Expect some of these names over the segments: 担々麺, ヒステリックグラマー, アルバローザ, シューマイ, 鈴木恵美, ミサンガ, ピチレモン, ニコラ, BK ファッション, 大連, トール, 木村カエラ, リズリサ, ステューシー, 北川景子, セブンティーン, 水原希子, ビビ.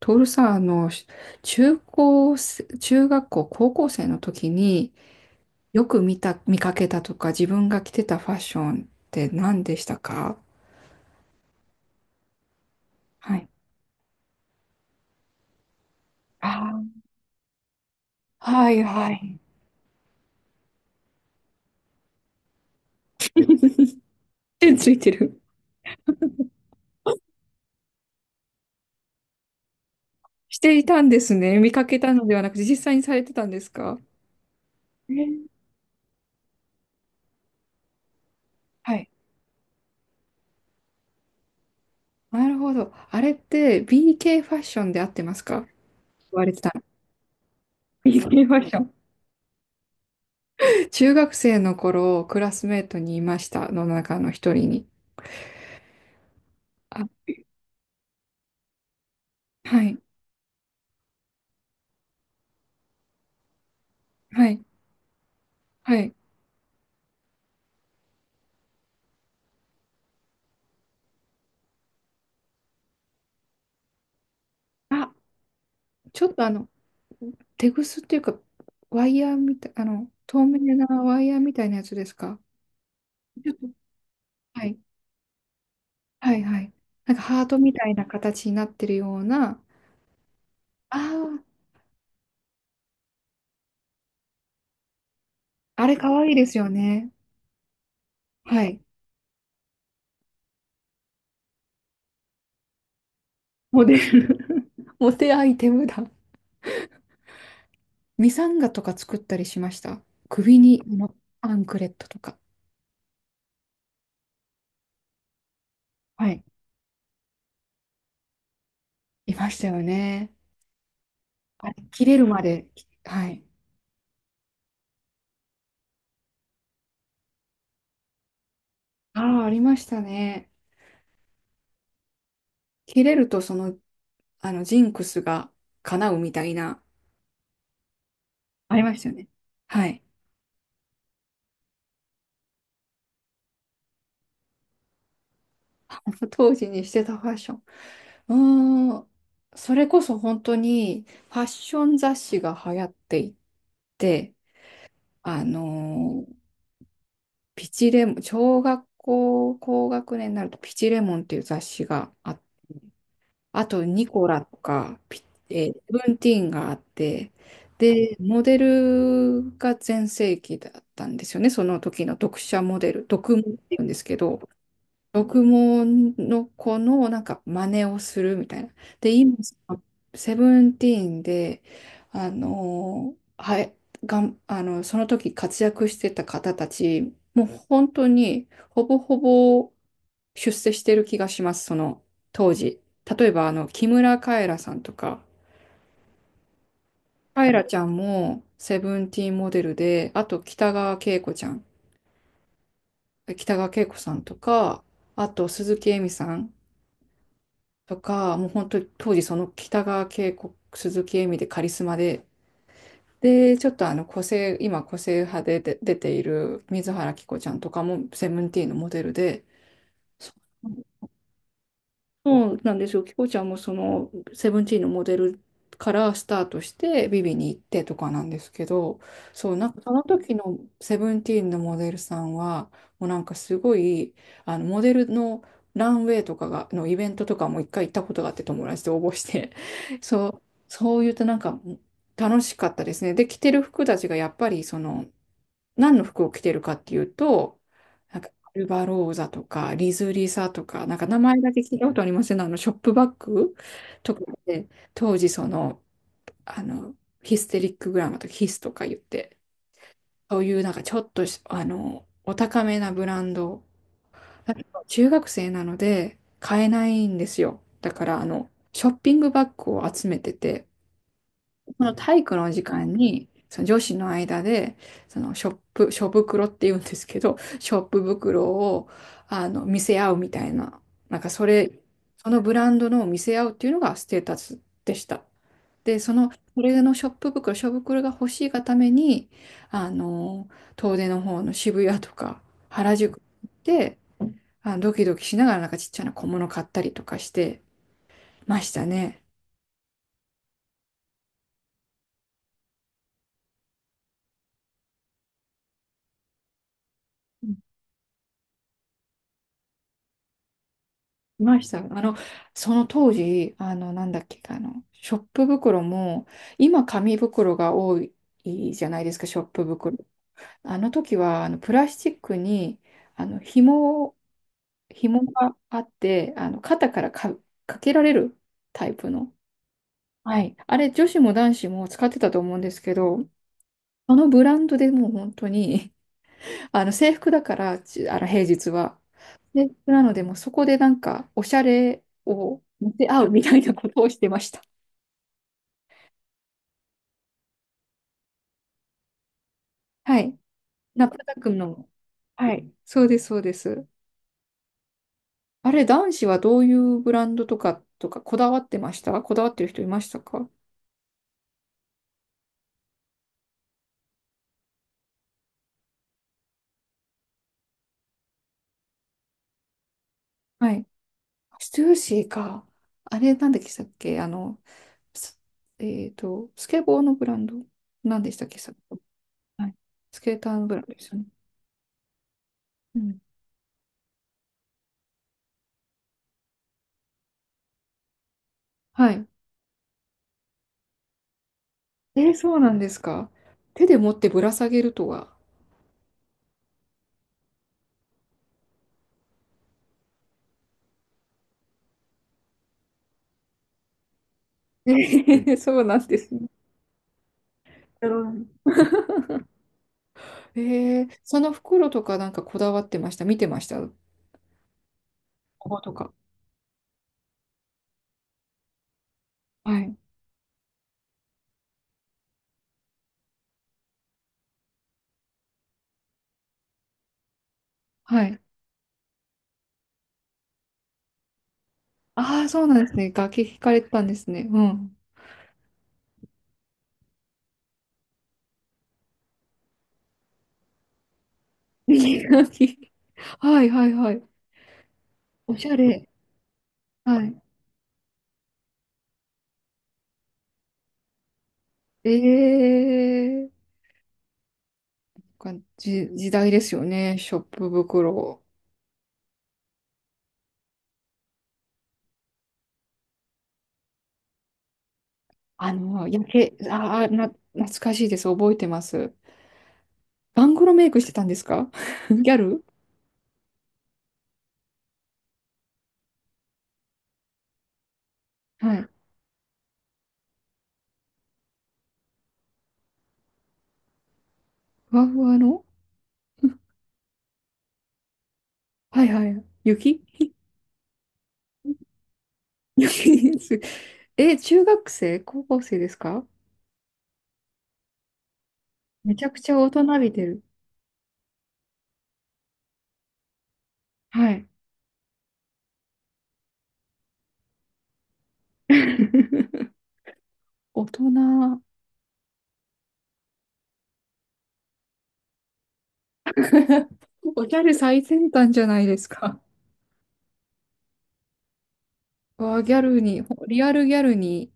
トールさん、中高生、中学校、高校生の時によく見た、見かけたとか、自分が着てたファッションって何でしたか？はい。あー。はいはい。手ついてる。していたんですね。見かけたのではなくて、実際にされてたんですか？えー。はい。なるほど。あれって BK ファッションで合ってますか？言われてた。BK ファッション。中学生の頃、クラスメートにいました、の中の一人に。あ、はい、はい、はい。あ、ちょっとテグスっていうか、ワイヤーみたい、透明なワイヤーみたいなやつですか？ちょっと、はい、はい、はい。なんかハートみたいな形になってるような、ああ、あれかわいいですよね。はい。モデル。 モテアイテムだ。ミサンガとか作ったりしました？首に、アンクレットとか。はい。いましたよね。あれ、切れるまで。はい。ああ、ありましたね。切れると、ジンクスが叶うみたいな、ありましたよね。はい。当時にしてたファッション。うーん。それこそ本当にファッション雑誌が流行っていて、あのーピチレモン、小学校高学年になるとピチレモンっていう雑誌があっ、あとニコラとか、セブンティーンがあって、で、モデルが全盛期だったんですよね。その時の読者モデル、読モっていうんですけど、読モの子のなんか真似をするみたいな。で、今、セブンティーンで、あのはい、がん、あの、その時活躍してた方たち、もう本当にほぼほぼ出世してる気がします、その当時。例えば、木村カエラさんとか、カエラちゃんもセブンティーンモデルで、あと北川景子ちゃん、北川景子さんとか、あと鈴木恵美さん、とか、もう本当に当時その北川景子、鈴木恵美でカリスマで、で、ちょっと個性、今個性派で出ている水原希子ちゃんとかもセブンティーンのモデルで、そそうなんですよ。キコちゃんもそのセブンティーンのモデルからスタートしてビビに行ってとかなんですけど、そう、なんかその時のセブンティーンのモデルさんは、もうなんかすごい、あのモデルのランウェイとかが、のイベントとかも一回行ったことがあって友達と応募して、そう、そう言うとなんか楽しかったですね。で、着てる服たちがやっぱり何の服を着てるかっていうと、なんか、アルバローザとか、リズリサとか、なんか名前だけ聞いたことありません？ショップバッグとかで、当時あの、ヒステリックグラマーとかヒスとか言って、そういうなんかちょっとし、お高めなブランド。だけど中学生なので買えないんですよ。だから、ショッピングバッグを集めてて、この体育の時間に、その女子の間で、ショ袋って言うんですけど、ショップ袋を、見せ合うみたいな、なんかそれ、そのブランドのを見せ合うっていうのがステータスでした。で、それのショップ袋、が欲しいがために、あの、遠出の方の渋谷とか原宿で、あ、ドキドキしながらなんかちっちゃな小物買ったりとかしてましたね。いました。その当時、なんだっけ、ショップ袋も、今、紙袋が多いじゃないですか、ショップ袋。あの時は、プラスチックに、あの、紐を、紐があって、肩からか、かけられるタイプの。はい。あれ、女子も男子も使ってたと思うんですけど、あのブランドでもう本当にあの制服だから、ちあの平日は。制服なので、もうそこでなんか、おしゃれを見せ合うみたいなことをしてました。はい。中田くんの。はい。そうです、そうです。あれ、男子はどういうブランドとか、こだわってる人いましたか？はい。ステューシーか。あれ、なんでしたっけす、スケボーのブランド。なんでしたっけさっき、はい。スケーターのブランドですよね。うん。はい。そうなんですか。手で持ってぶら下げるとは？えー そうなんですね。うん。その袋とかなんかこだわってました？見てました？こことか。はい。はい。ああ、そうなんですね。楽器弾かれてたんですね。うん。楽器。はいはいはい。おしゃれ。はい。ええー、時代ですよね。ショップ袋。ああ、懐かしいです。覚えてます。バングロメイクしてたんですか？ ギャル。はい。ふわふわの。はいはい。雪。 雪です。え、中学生高校生ですか？めちゃくちゃ大人びてる。はい。大人。おギャル最先端じゃないですか？わあ、ギャルに、リアルギャルに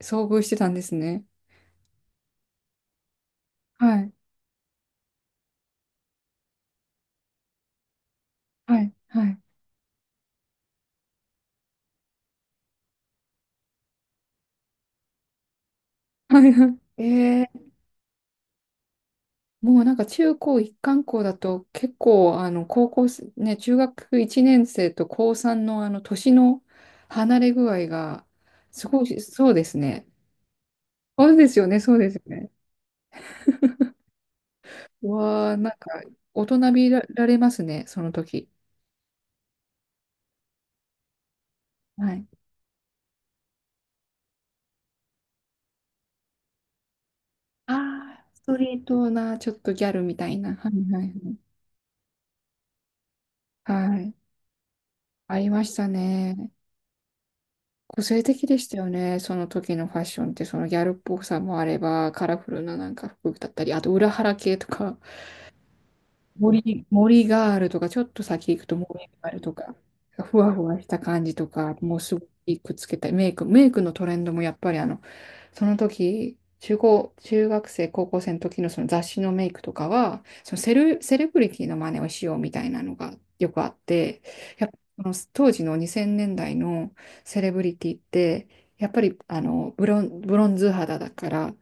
遭遇してたんですね。はい。はい。はい。はいはい。えー。もうなんか中高一貫校だと結構高校生、ね、中学1年生と高3のあの年の離れ具合がすごい、そうですね。そうですよね、そうですよね。うわあ、なんか大人びられますね、その時。はい。ああ、ストリートな、ちょっとギャルみたいな。はいはい。はい。はい。ありましたね。個性的でしたよね、その時のファッションって、そのギャルっぽさもあれば、カラフルななんか服だったり、あと裏腹系とか。森があるとか、ちょっと先行くと森があるとか、ふわふわした感じとか、もうすごいくっつけたい。メイクのトレンドもやっぱりその時、中高、中学生、高校生の時のその雑誌のメイクとかは、セレブリティの真似をしようみたいなのがよくあって、やっぱその当時の2000年代のセレブリティって、やっぱりブロンズ肌だから、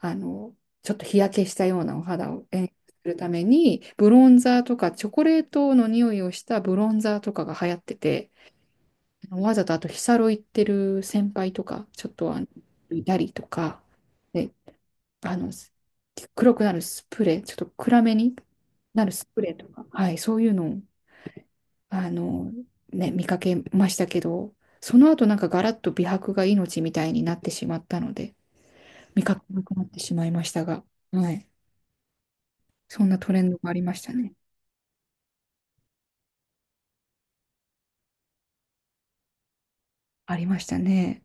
あの、ちょっと日焼けしたようなお肌を演するために、ブロンザーとか、チョコレートの匂いをしたブロンザーとかが流行ってて、わざとあと、ヒサロ行ってる先輩とか、ちょっといたりとか、で、あの、黒くなるスプレー、ちょっと暗めになるスプレーとか、はい、そういうのを、あの、ね、見かけましたけど、その後なんかガラッと美白が命みたいになってしまったので、見かけなくなってしまいましたが、はい、そんなトレンドがありましたね。ありましたね。